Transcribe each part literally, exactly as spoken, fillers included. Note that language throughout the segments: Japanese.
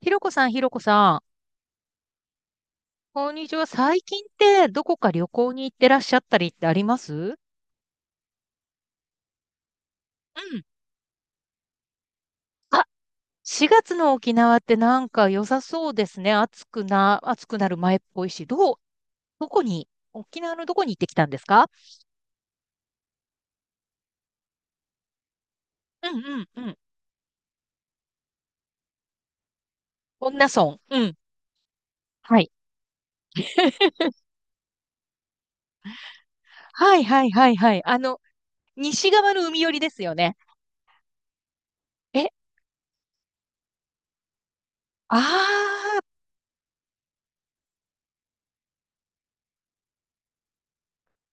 ひろこさん、ひろこさん。こんにちは。最近ってどこか旅行に行ってらっしゃったりってありますうん。あ、しがつの沖縄ってなんか良さそうですね。暑くな、暑くなる前っぽいし。どう、どこに、沖縄のどこに行ってきたんですか？うんうんうん。恩納村。うん。はい。はいはいはいはい。あの、西側の海寄りですよね。え、あー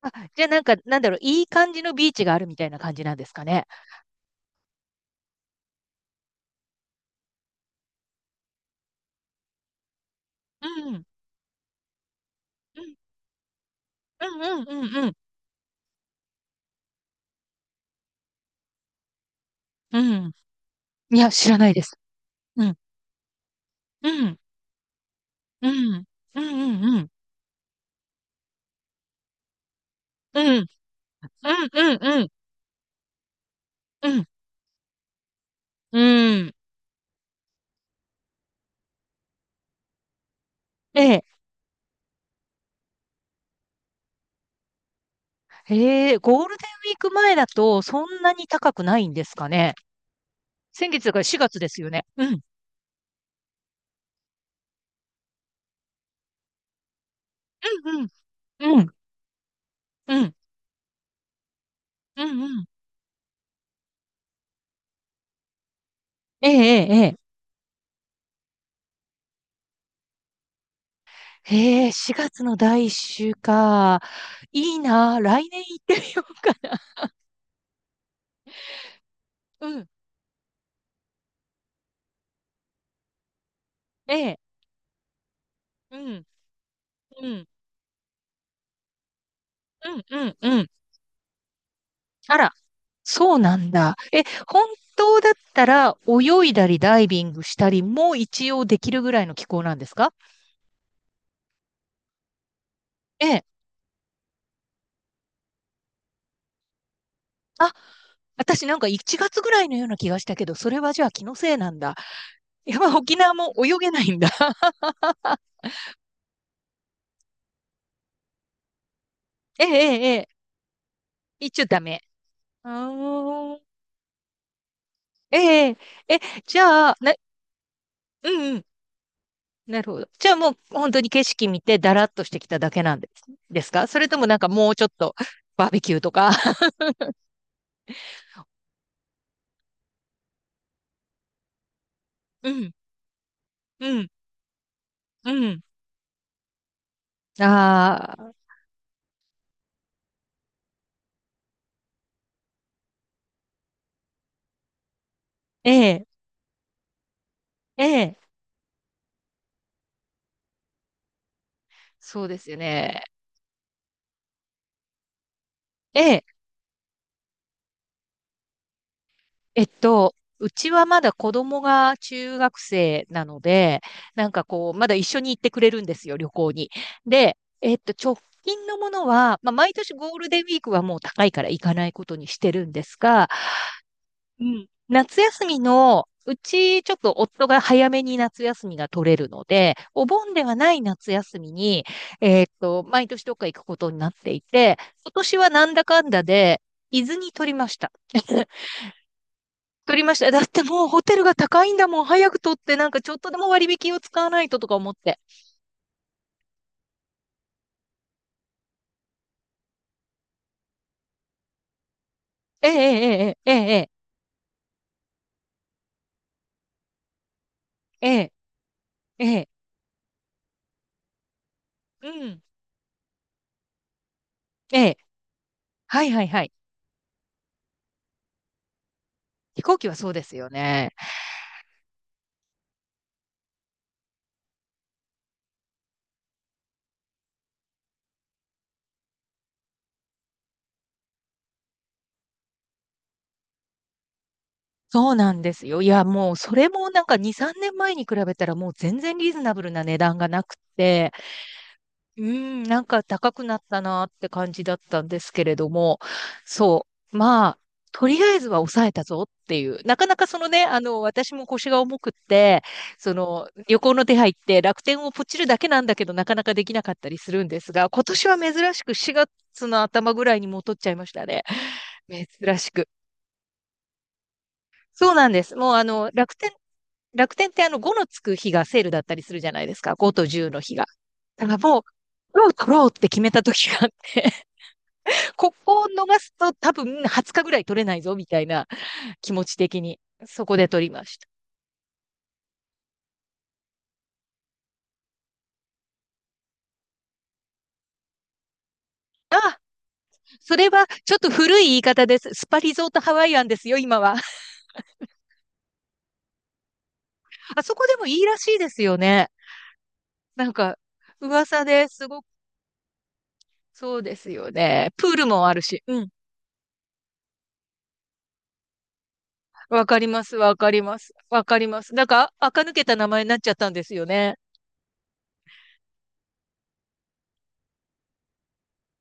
あ、じゃあなんか、なんだろう、いい感じのビーチがあるみたいな感じなんですかね。うん。うんうんうんうんうん。うん。いや、知らないです。うん。うん。うん。うん。うん。うん。うん。うん。うんうん。うん。うん。ええ。へえ、ゴールデンウィーク前だとそんなに高くないんですかね。先月だからしがつですよね。うん。うんうん。うん。うん。うんうん。ええええええ。へえ、しがつのだいいっ週か。いいな、来年行ってみようかな。うん。ええ。うん。うん。うんうんうん。あら。そうなんだ。え、本当だったら泳いだりダイビングしたりも一応できるぐらいの気候なんですか？ええ。あ、私なんかいちがつぐらいのような気がしたけど、それはじゃあ気のせいなんだ。やっぱ沖縄も泳げないんだ。ええ、ええ、ええ。一応ダメ。うーん。ええ、え、じゃあ、な、うんうん。なるほど。じゃあもう本当に景色見てだらっとしてきただけなんですですか？それともなんかもうちょっとバーベキューとか。うん、うん、うん。ああ。ええ、ええ、そうですよね。ええ、えっと、うちはまだ子供が中学生なので、なんかこう、まだ一緒に行ってくれるんですよ、旅行に。で、えっと、直近のものは、まあ、毎年ゴールデンウィークはもう高いから行かないことにしてるんですが、うん。夏休みの、うちちょっと夫が早めに夏休みが取れるので、お盆ではない夏休みに、えーっと、毎年どっか行くことになっていて、今年はなんだかんだで、伊豆に取りました。取りました。だってもうホテルが高いんだもん。早く取って、なんかちょっとでも割引を使わないととか思って。ええええええええええええうん。ええ。はいはいはい。飛行機はそうですよね。そうなんですよ。いや、もうそれもなんかに、さんねんまえに比べたらもう全然リーズナブルな値段がなくて、うん、なんか高くなったなって感じだったんですけれども、そう、まあ、とりあえずは抑えたぞっていう、なかなかそのね、あの、私も腰が重くって、その旅行の手配って楽天をポチるだけなんだけどなかなかできなかったりするんですが、今年は珍しくしがつの頭ぐらいに戻っちゃいましたね。珍しく。そうなんです。もうあの、楽天楽天ってあのごのつく日がセールだったりするじゃないですか。ごととおの日が。だからもう、取ろう取ろうって決めた時があって ここを逃すと多分はつかぐらい取れないぞみたいな気持ち的に、そこで取りました。あ、それはちょっと古い言い方です。スパリゾートハワイアンですよ、今は。あそこでもいいらしいですよね。なんか、噂ですごく、そうですよね。プールもあるし。うん。わかります、わかります。わかります。なんか、垢抜けた名前になっちゃったんですよね。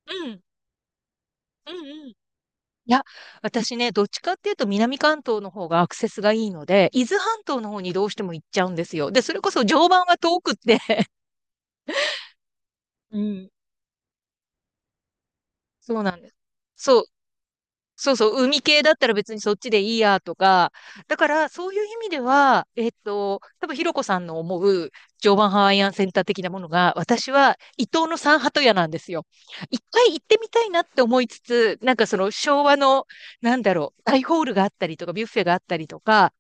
うん。うんうん。いや、私ね、どっちかっていうと南関東の方がアクセスがいいので、伊豆半島の方にどうしても行っちゃうんですよ。で、それこそ常磐は遠くって。 うん。そうなんです。そうそうそう、海系だったら別にそっちでいいやとか、だからそういう意味では、えっと、多分ひろこさんの思う常磐ハワイアンセンター的なものが、私は伊東の三鳩屋なんですよ。一回行ってみたいなって思いつつ、なんかその昭和の、なんだろう、大ホールがあったりとか、ビュッフェがあったりとか、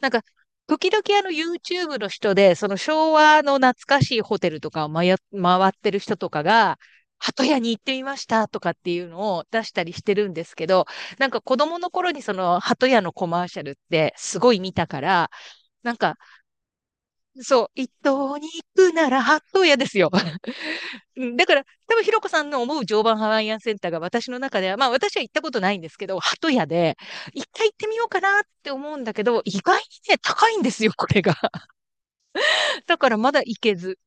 なんか、時々あの YouTube の人で、その昭和の懐かしいホテルとかをまや回ってる人とかが、鳩屋に行ってみましたとかっていうのを出したりしてるんですけど、なんか子供の頃にその鳩屋のコマーシャルってすごい見たから、なんか、そう、一等に行くなら鳩屋ですよ。うんだから、多分ひろこさんの思う常磐ハワイアンセンターが私の中では、まあ私は行ったことないんですけど、鳩屋で、一回行ってみようかなって思うんだけど、意外にね、高いんですよ、これが。だからまだ行けず。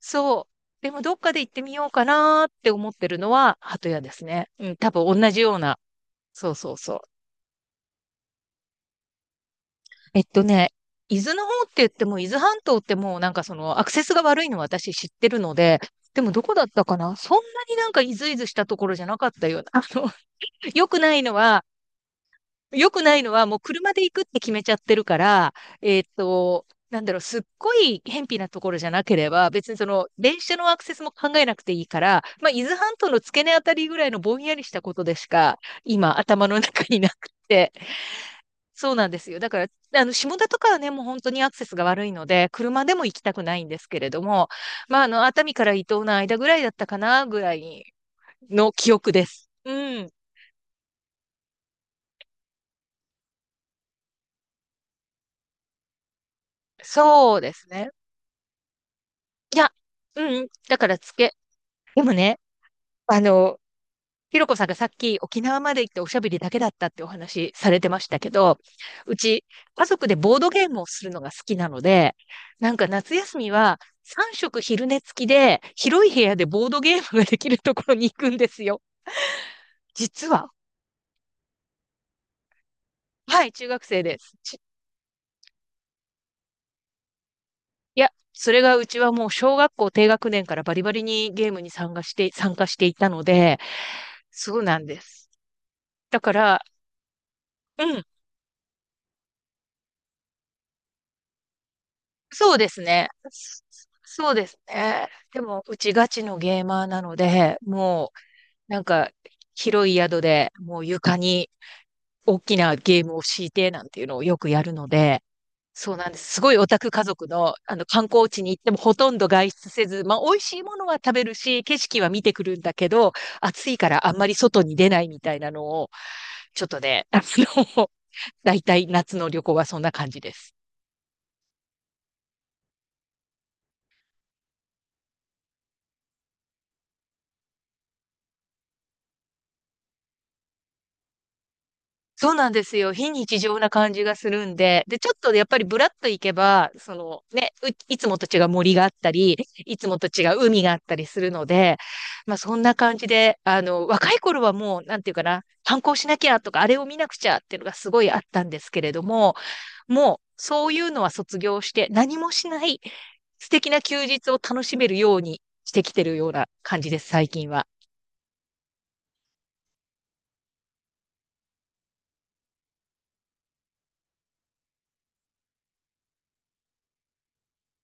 そう。でもどっかで行ってみようかなって思ってるのは鳩屋ですね。うん、多分同じような。そうそうそう。えっとね、伊豆の方って言っても、伊豆半島ってもうなんかそのアクセスが悪いのは私知ってるので、でもどこだったかなそんなになんかイズイズしたところじゃなかったような。あの、良くないのは、良くないのはもう車で行くって決めちゃってるから、えっと、なんだろう、すっごい偏僻なところじゃなければ、別にその電車のアクセスも考えなくていいから、まあ、伊豆半島の付け根あたりぐらいのぼんやりしたことでしか、今頭の中になくて、そうなんですよ。だから、あの、下田とかはね、もう本当にアクセスが悪いので、車でも行きたくないんですけれども、まあ、あの、熱海から伊東の間ぐらいだったかな、ぐらいの記憶です。うん。そうですね。いや、うん。だから、つけ。でもね、あの、ひろこさんがさっき沖縄まで行っておしゃべりだけだったってお話されてましたけど、うち家族でボードゲームをするのが好きなので、なんか夏休みはさん食昼寝付きで広い部屋でボードゲームができるところに行くんですよ。実は。はい、中学生です。ちいや、それがうちはもう小学校低学年からバリバリにゲームに参加して、参加していたので、そうなんです。だから、うん。そうですね。そうですね。でも、うちガチのゲーマーなので、もう、なんか、広い宿で、もう床に大きなゲームを敷いて、なんていうのをよくやるので、そうなんです。すごいオタク家族の、あの、観光地に行ってもほとんど外出せず、まあ、美味しいものは食べるし、景色は見てくるんだけど、暑いからあんまり外に出ないみたいなのを、ちょっとね、あの、大体夏の旅行はそんな感じです。そうなんですよ。非日常な感じがするんで。で、ちょっとやっぱりブラッと行けば、そのね、ういつもと違う森があったり、いつもと違う海があったりするので、まあそんな感じで、あの、若い頃はもう、なんていうかな、反抗しなきゃとか、あれを見なくちゃっていうのがすごいあったんですけれども、もうそういうのは卒業して何もしない素敵な休日を楽しめるようにしてきてるような感じです、最近は。